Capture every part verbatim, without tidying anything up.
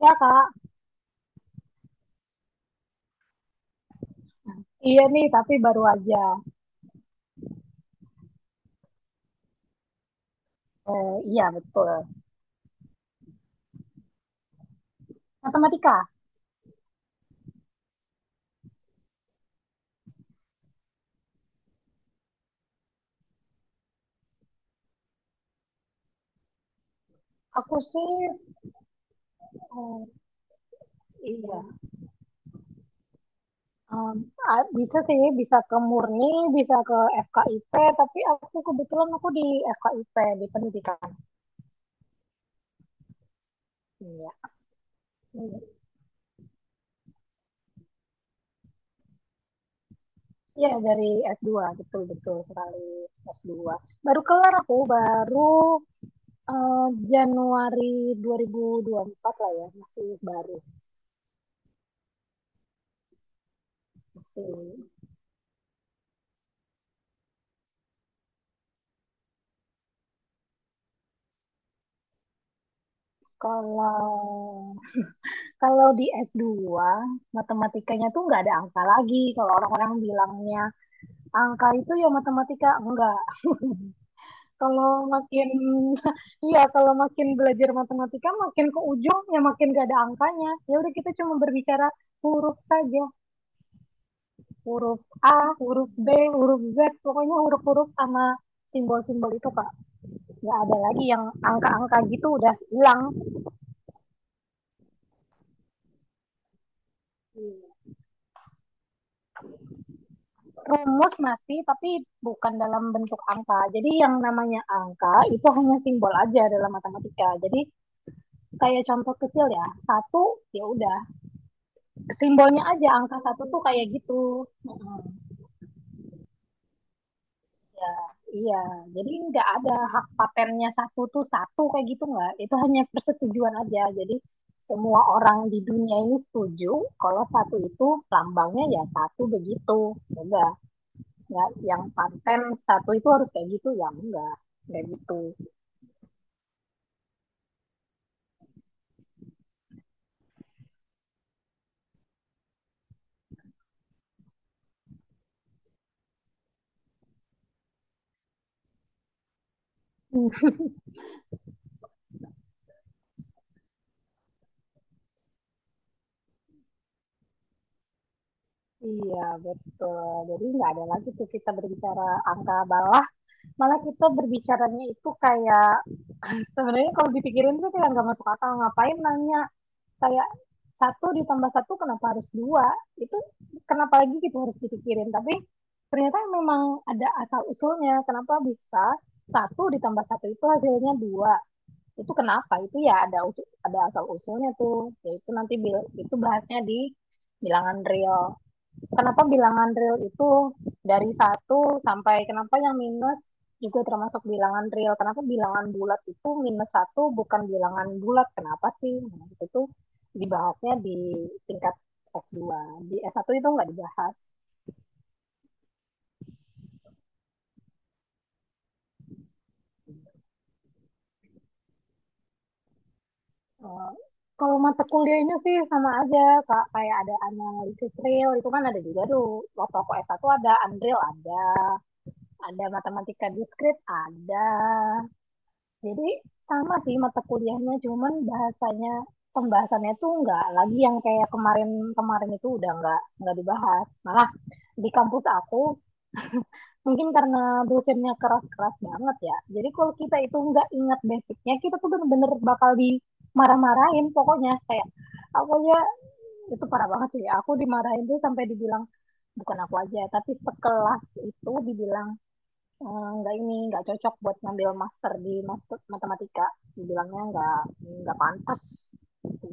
Ya kak, iya nih tapi baru aja. Eh, iya betul. Matematika. Aku sih, eh, iya, em, a- bisa sih, bisa ke Murni, bisa ke F K I P, tapi aku kebetulan aku di F K I P, di pendidikan. Iya, iya, iya. Dari s dua, betul-betul sekali, s dua. Baru kelar aku, baru eh, Januari dua ribu dua puluh empat lah ya, masih baru. Masih. Kalau Kalau di s dua, matematikanya tuh nggak ada angka lagi. Kalau orang-orang bilangnya angka itu ya matematika, enggak. Kalau makin, iya, kalau makin belajar matematika, makin ke ujung ya makin nggak ada angkanya. Ya udah kita cuma berbicara huruf saja. Huruf A, huruf B, huruf Z, pokoknya huruf-huruf sama simbol-simbol itu, Kak. Nggak ada lagi yang angka-angka gitu, udah hilang. Rumus masih, tapi bukan dalam bentuk angka. Jadi yang namanya angka itu hanya simbol aja dalam matematika. Jadi kayak contoh kecil ya, satu, ya udah simbolnya aja angka satu tuh kayak gitu. Mm, Ya, iya. Jadi nggak ada hak patennya satu tuh satu kayak gitu, nggak. Itu hanya persetujuan aja. Jadi semua orang di dunia ini setuju kalau satu itu lambangnya ya satu, begitu. Udah. Ya, yang paten satu itu harus kayak gitu, ya enggak kayak gitu. Hmm. Iya betul, jadi nggak ada lagi tuh kita berbicara angka. Bawah, malah kita berbicaranya itu kayak, sebenarnya kalau dipikirin tuh kayak nggak masuk akal, ngapain nanya kayak satu ditambah satu kenapa harus dua? Itu kenapa lagi kita harus dipikirin? Tapi ternyata memang ada asal usulnya kenapa bisa satu ditambah satu itu hasilnya dua. Itu kenapa itu? Ya ada usul, ada asal usulnya tuh, yaitu nanti bil, itu bahasnya di bilangan real. Kenapa bilangan real itu dari satu sampai, kenapa yang minus juga termasuk bilangan real, kenapa bilangan bulat itu minus satu bukan bilangan bulat, kenapa sih? Nah, itu tuh dibahasnya di tingkat s dua. Di s satu itu nggak dibahas. Oh, kalau mata kuliahnya sih sama aja, Kak. Kayak ada analisis real, itu kan ada juga tuh. Waktu aku s satu ada, Unreal ada, ada matematika diskrit ada. Jadi sama sih mata kuliahnya, cuman bahasanya, pembahasannya tuh nggak lagi yang kayak kemarin-kemarin itu, udah nggak nggak dibahas. Malah di kampus aku mungkin karena dosennya keras-keras banget ya. Jadi kalau kita itu nggak ingat basicnya, kita tuh bener-bener bakal dimarah-marahin pokoknya. Kayak aku ya, itu parah banget sih. Aku dimarahin tuh sampai dibilang, bukan aku aja, tapi sekelas itu dibilang, "Eh, nggak ini, nggak cocok buat ngambil master di master matematika." Dibilangnya nggak, nggak pantas. Gitu.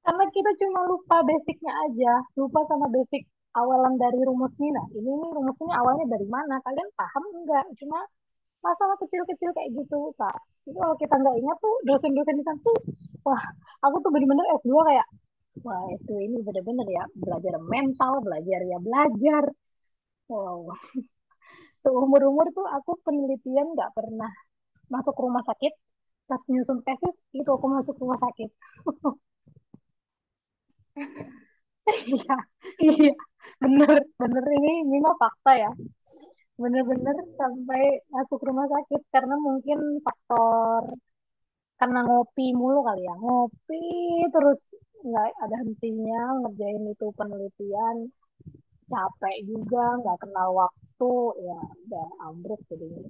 Karena kita cuma lupa basicnya aja, lupa sama basic awalan dari rumusnya. Nah, ini nih rumusnya awalnya dari mana? Kalian paham nggak? Cuma masalah kecil-kecil kayak gitu, Pak. Jadi kalau kita nggak ingat tuh, dosen-dosen di sana tuh, wah, aku tuh bener-bener s dua kayak, wah, s dua ini bener-bener ya, belajar mental, belajar, ya belajar. Wow, seumur-umur tuh aku penelitian nggak pernah masuk rumah sakit, pas nyusun tesis itu aku masuk rumah sakit. Iya, iya, bener, bener, ini ini mah fakta ya. Bener-bener sampai masuk rumah sakit karena mungkin faktor karena ngopi mulu kali ya, ngopi terus nggak ada hentinya ngerjain itu penelitian, capek juga, nggak kenal waktu, ya udah ambruk jadinya.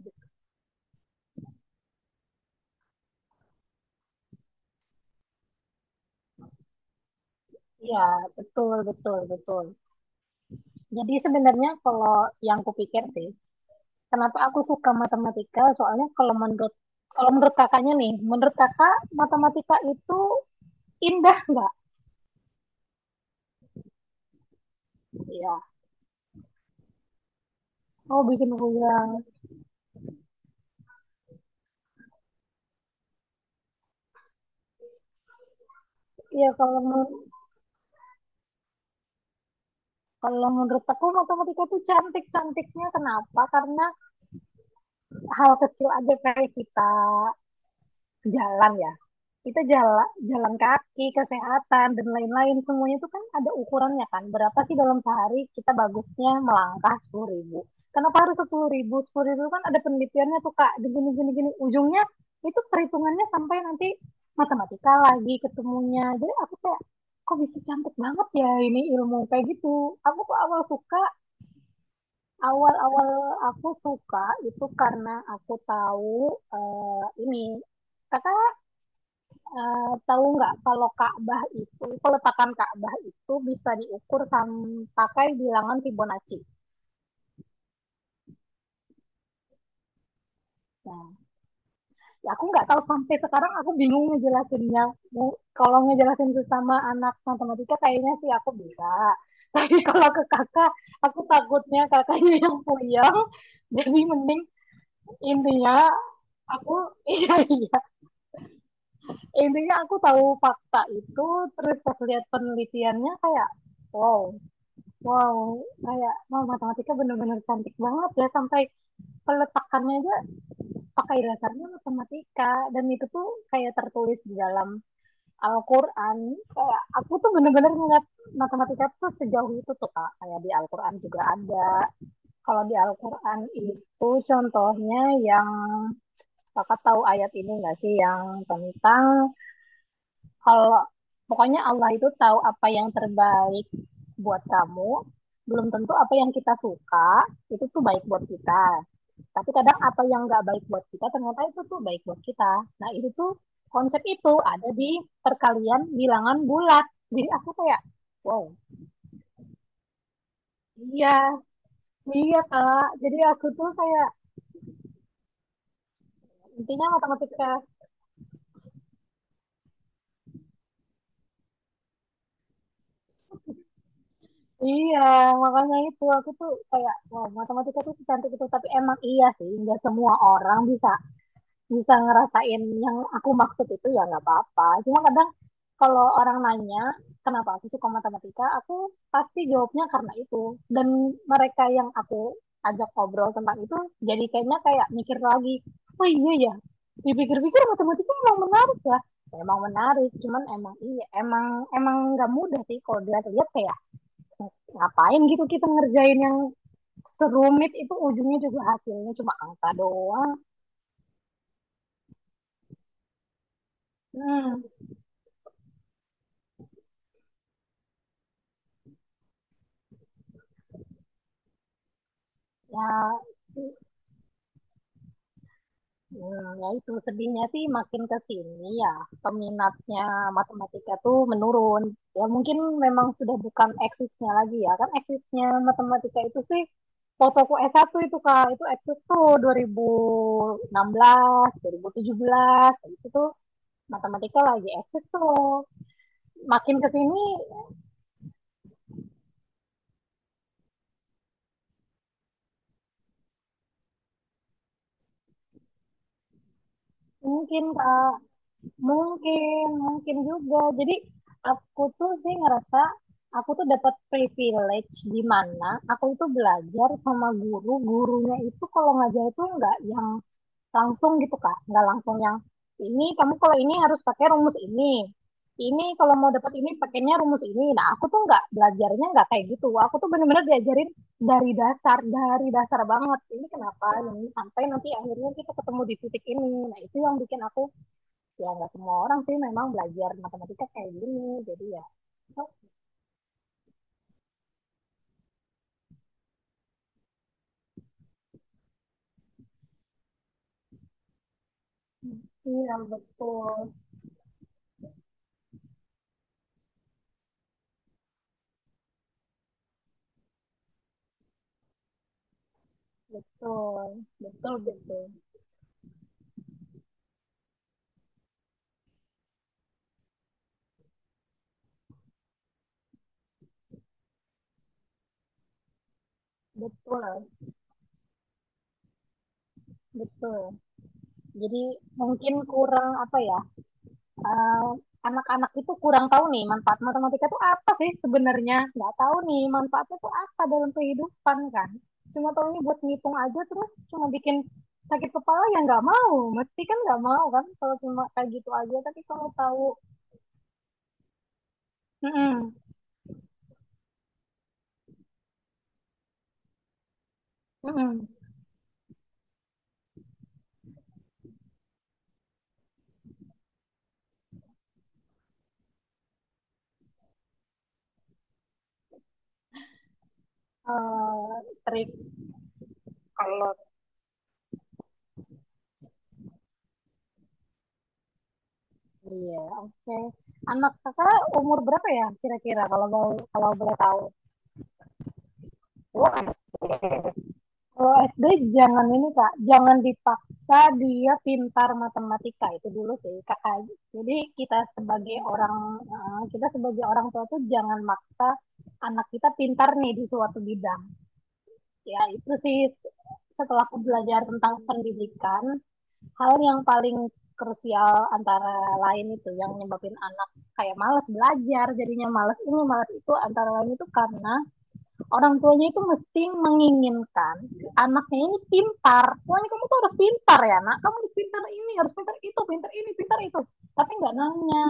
Iya, betul, betul, betul. Jadi sebenarnya kalau yang kupikir sih, kenapa aku suka matematika? Soalnya kalau menurut kalau menurut kakaknya nih, menurut kakak, matematika itu indah nggak? Iya. Oh, bikin goyang. Iya, kalau men- kalau menurut aku matematika itu cantik. Cantiknya kenapa? Karena hal kecil aja kayak kita jalan ya, kita jalan, jalan kaki, kesehatan dan lain-lain, semuanya itu kan ada ukurannya. Kan berapa sih dalam sehari kita bagusnya melangkah sepuluh ribu? Kenapa harus sepuluh ribu? Sepuluh ribu kan ada penelitiannya tuh, Kak, gini gini gini ujungnya, itu perhitungannya, sampai nanti matematika lagi ketemunya. Jadi aku kayak, kok bisa cantik banget ya ini ilmu kayak gitu. Aku tuh awal suka, awal-awal aku suka itu karena aku tahu, eh, ini kakak. Uh, tahu nggak kalau Ka'bah itu, peletakan Ka'bah itu bisa diukur sam pakai bilangan Fibonacci? Nah, ya aku nggak tahu, sampai sekarang aku bingung ngejelasinnya. Kalau ngejelasin itu sama anak matematika kayaknya sih aku bisa. Tapi kalau ke kakak, aku takutnya kakaknya yang puyeng. Jadi mending intinya aku, iya iya, intinya aku tahu fakta itu, terus pas lihat penelitiannya kayak wow. Wow, kayak wow, matematika bener-bener cantik banget ya, sampai peletakannya aja pakai dasarnya matematika, dan itu tuh kayak tertulis di dalam Al-Qur'an. Kayak aku tuh bener-bener ngeliat matematika tuh sejauh itu tuh, Kak. Kayak di Al-Qur'an juga ada. Kalau di Al-Qur'an itu contohnya yang, Kakak tahu ayat ini nggak sih yang tentang, kalau pokoknya Allah itu tahu apa yang terbaik buat kamu, belum tentu apa yang kita suka itu tuh baik buat kita. Tapi kadang apa yang nggak baik buat kita ternyata itu tuh baik buat kita. Nah, itu tuh konsep itu ada di perkalian bilangan bulat. Jadi aku kayak wow. Iya iya, Kak. Jadi aku tuh kayak, intinya matematika, iya, makanya itu aku tuh kayak wow, matematika tuh secantik itu. Tapi emang iya sih nggak semua orang bisa bisa ngerasain yang aku maksud itu, ya nggak apa-apa. Cuma kadang kalau orang nanya kenapa aku suka matematika, aku pasti jawabnya karena itu. Dan mereka yang aku ajak ngobrol tentang itu, jadi kayaknya kayak mikir lagi, oh iya ya, dipikir-pikir matematika emang menarik ya. Emang menarik, cuman emang iya, emang emang nggak mudah sih kalau dilihat-lihat kayak ngapain gitu kita ngerjain yang serumit itu ujungnya juga hasilnya cuma angka doang. Hmm, ya hmm Ya, itu sedihnya sih makin ke sini ya, peminatnya matematika tuh menurun. Ya mungkin memang sudah bukan eksisnya lagi ya. Kan eksisnya matematika itu sih fotoku s satu itu, Kak, itu eksis tuh dua dua ribu ribu enam belas, dua ribu tujuh belas. Itu tuh matematika lagi eksis tuh. Makin ke sini mungkin, Kak. Mungkin, mungkin juga. Jadi aku tuh sih ngerasa aku tuh dapat privilege di mana aku itu belajar sama guru. Gurunya itu kalau ngajar itu nggak yang langsung gitu, Kak, nggak langsung yang ini kamu kalau ini harus pakai rumus ini. Ini kalau mau dapat ini pakainya rumus ini. Nah, aku tuh nggak belajarnya nggak kayak gitu. Aku tuh bener-bener diajarin dari dasar, dari dasar banget. Ini kenapa ini sampai nanti akhirnya kita ketemu di titik ini. Nah, itu yang bikin aku, ya nggak semua orang sih memang belajar matematika kayak gini, jadi ya. Oh, iya betul, betul, betul, betul, betul, betul. Jadi mungkin kurang apa ya, eh, anak-anak itu kurang tahu nih manfaat matematika tuh apa sih. Sebenarnya nggak tahu nih manfaatnya tuh apa dalam kehidupan, kan cuma tahunya buat ngitung aja, terus cuma bikin sakit kepala, ya nggak mau, mesti kan nggak mau kan kalau cuma kayak gitu aja, tapi kalau tahu. Mm-mm. Mm-mm. Eh, trik kalau, iya, oke, anak kakak umur berapa ya kira-kira, kalau mau, kalau boleh tahu? Wah, kalau S D jangan ini, Kak, jangan dipaksa dia pintar matematika itu dulu sih, Kakak. Jadi kita sebagai orang eh, kita sebagai orang tua tuh jangan maksa anak kita pintar nih di suatu bidang. Ya itu sih setelah aku belajar tentang pendidikan, hal yang paling krusial antara lain itu yang nyebabin anak kayak malas belajar, jadinya malas ini malas itu, antara lain itu karena orang tuanya itu mesti menginginkan si anaknya ini pintar. Pokoknya kamu tuh harus pintar ya nak, kamu harus pintar ini, harus pintar itu, pintar ini pintar itu, tapi nggak nanya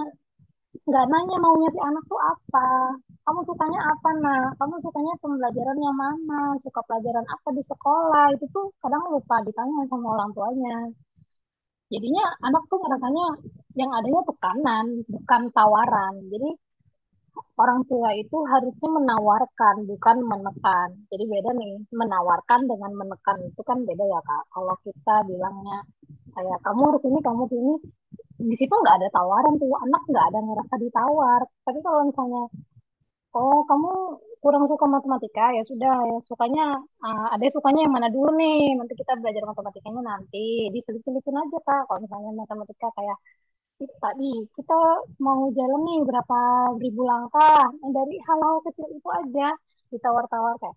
nggak nanya maunya si anak tuh apa. Kamu sukanya apa nak, kamu sukanya pembelajaran yang mana, suka pelajaran apa di sekolah, itu tuh kadang lupa ditanya sama orang tuanya. Jadinya anak tuh ngerasanya yang adanya tekanan, bukan tawaran. Jadi orang tua itu harusnya menawarkan, bukan menekan. Jadi beda nih, menawarkan dengan menekan itu kan beda ya, Kak. Kalau kita bilangnya kayak kamu harus ini, kamu harus ini, di situ nggak ada tawaran tuh, anak nggak ada ngerasa ditawar. Tapi kalau misalnya, oh kamu kurang suka matematika, ya sudah ya, sukanya ah, ada sukanya yang mana dulu nih, nanti kita belajar matematikanya, nanti diselip-selipin aja, Kak, kalau misalnya matematika kayak itu tadi, kita mau jalan nih berapa ribu langkah. Nah, dari hal-hal kecil itu aja ditawar-tawar kayak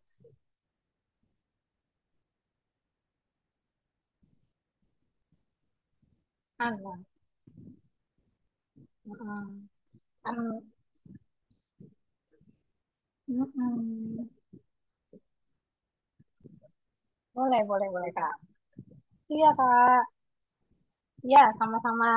anu, mm, anu, mm, boleh boleh boleh, Kak. Iya, Kak, iya, sama-sama.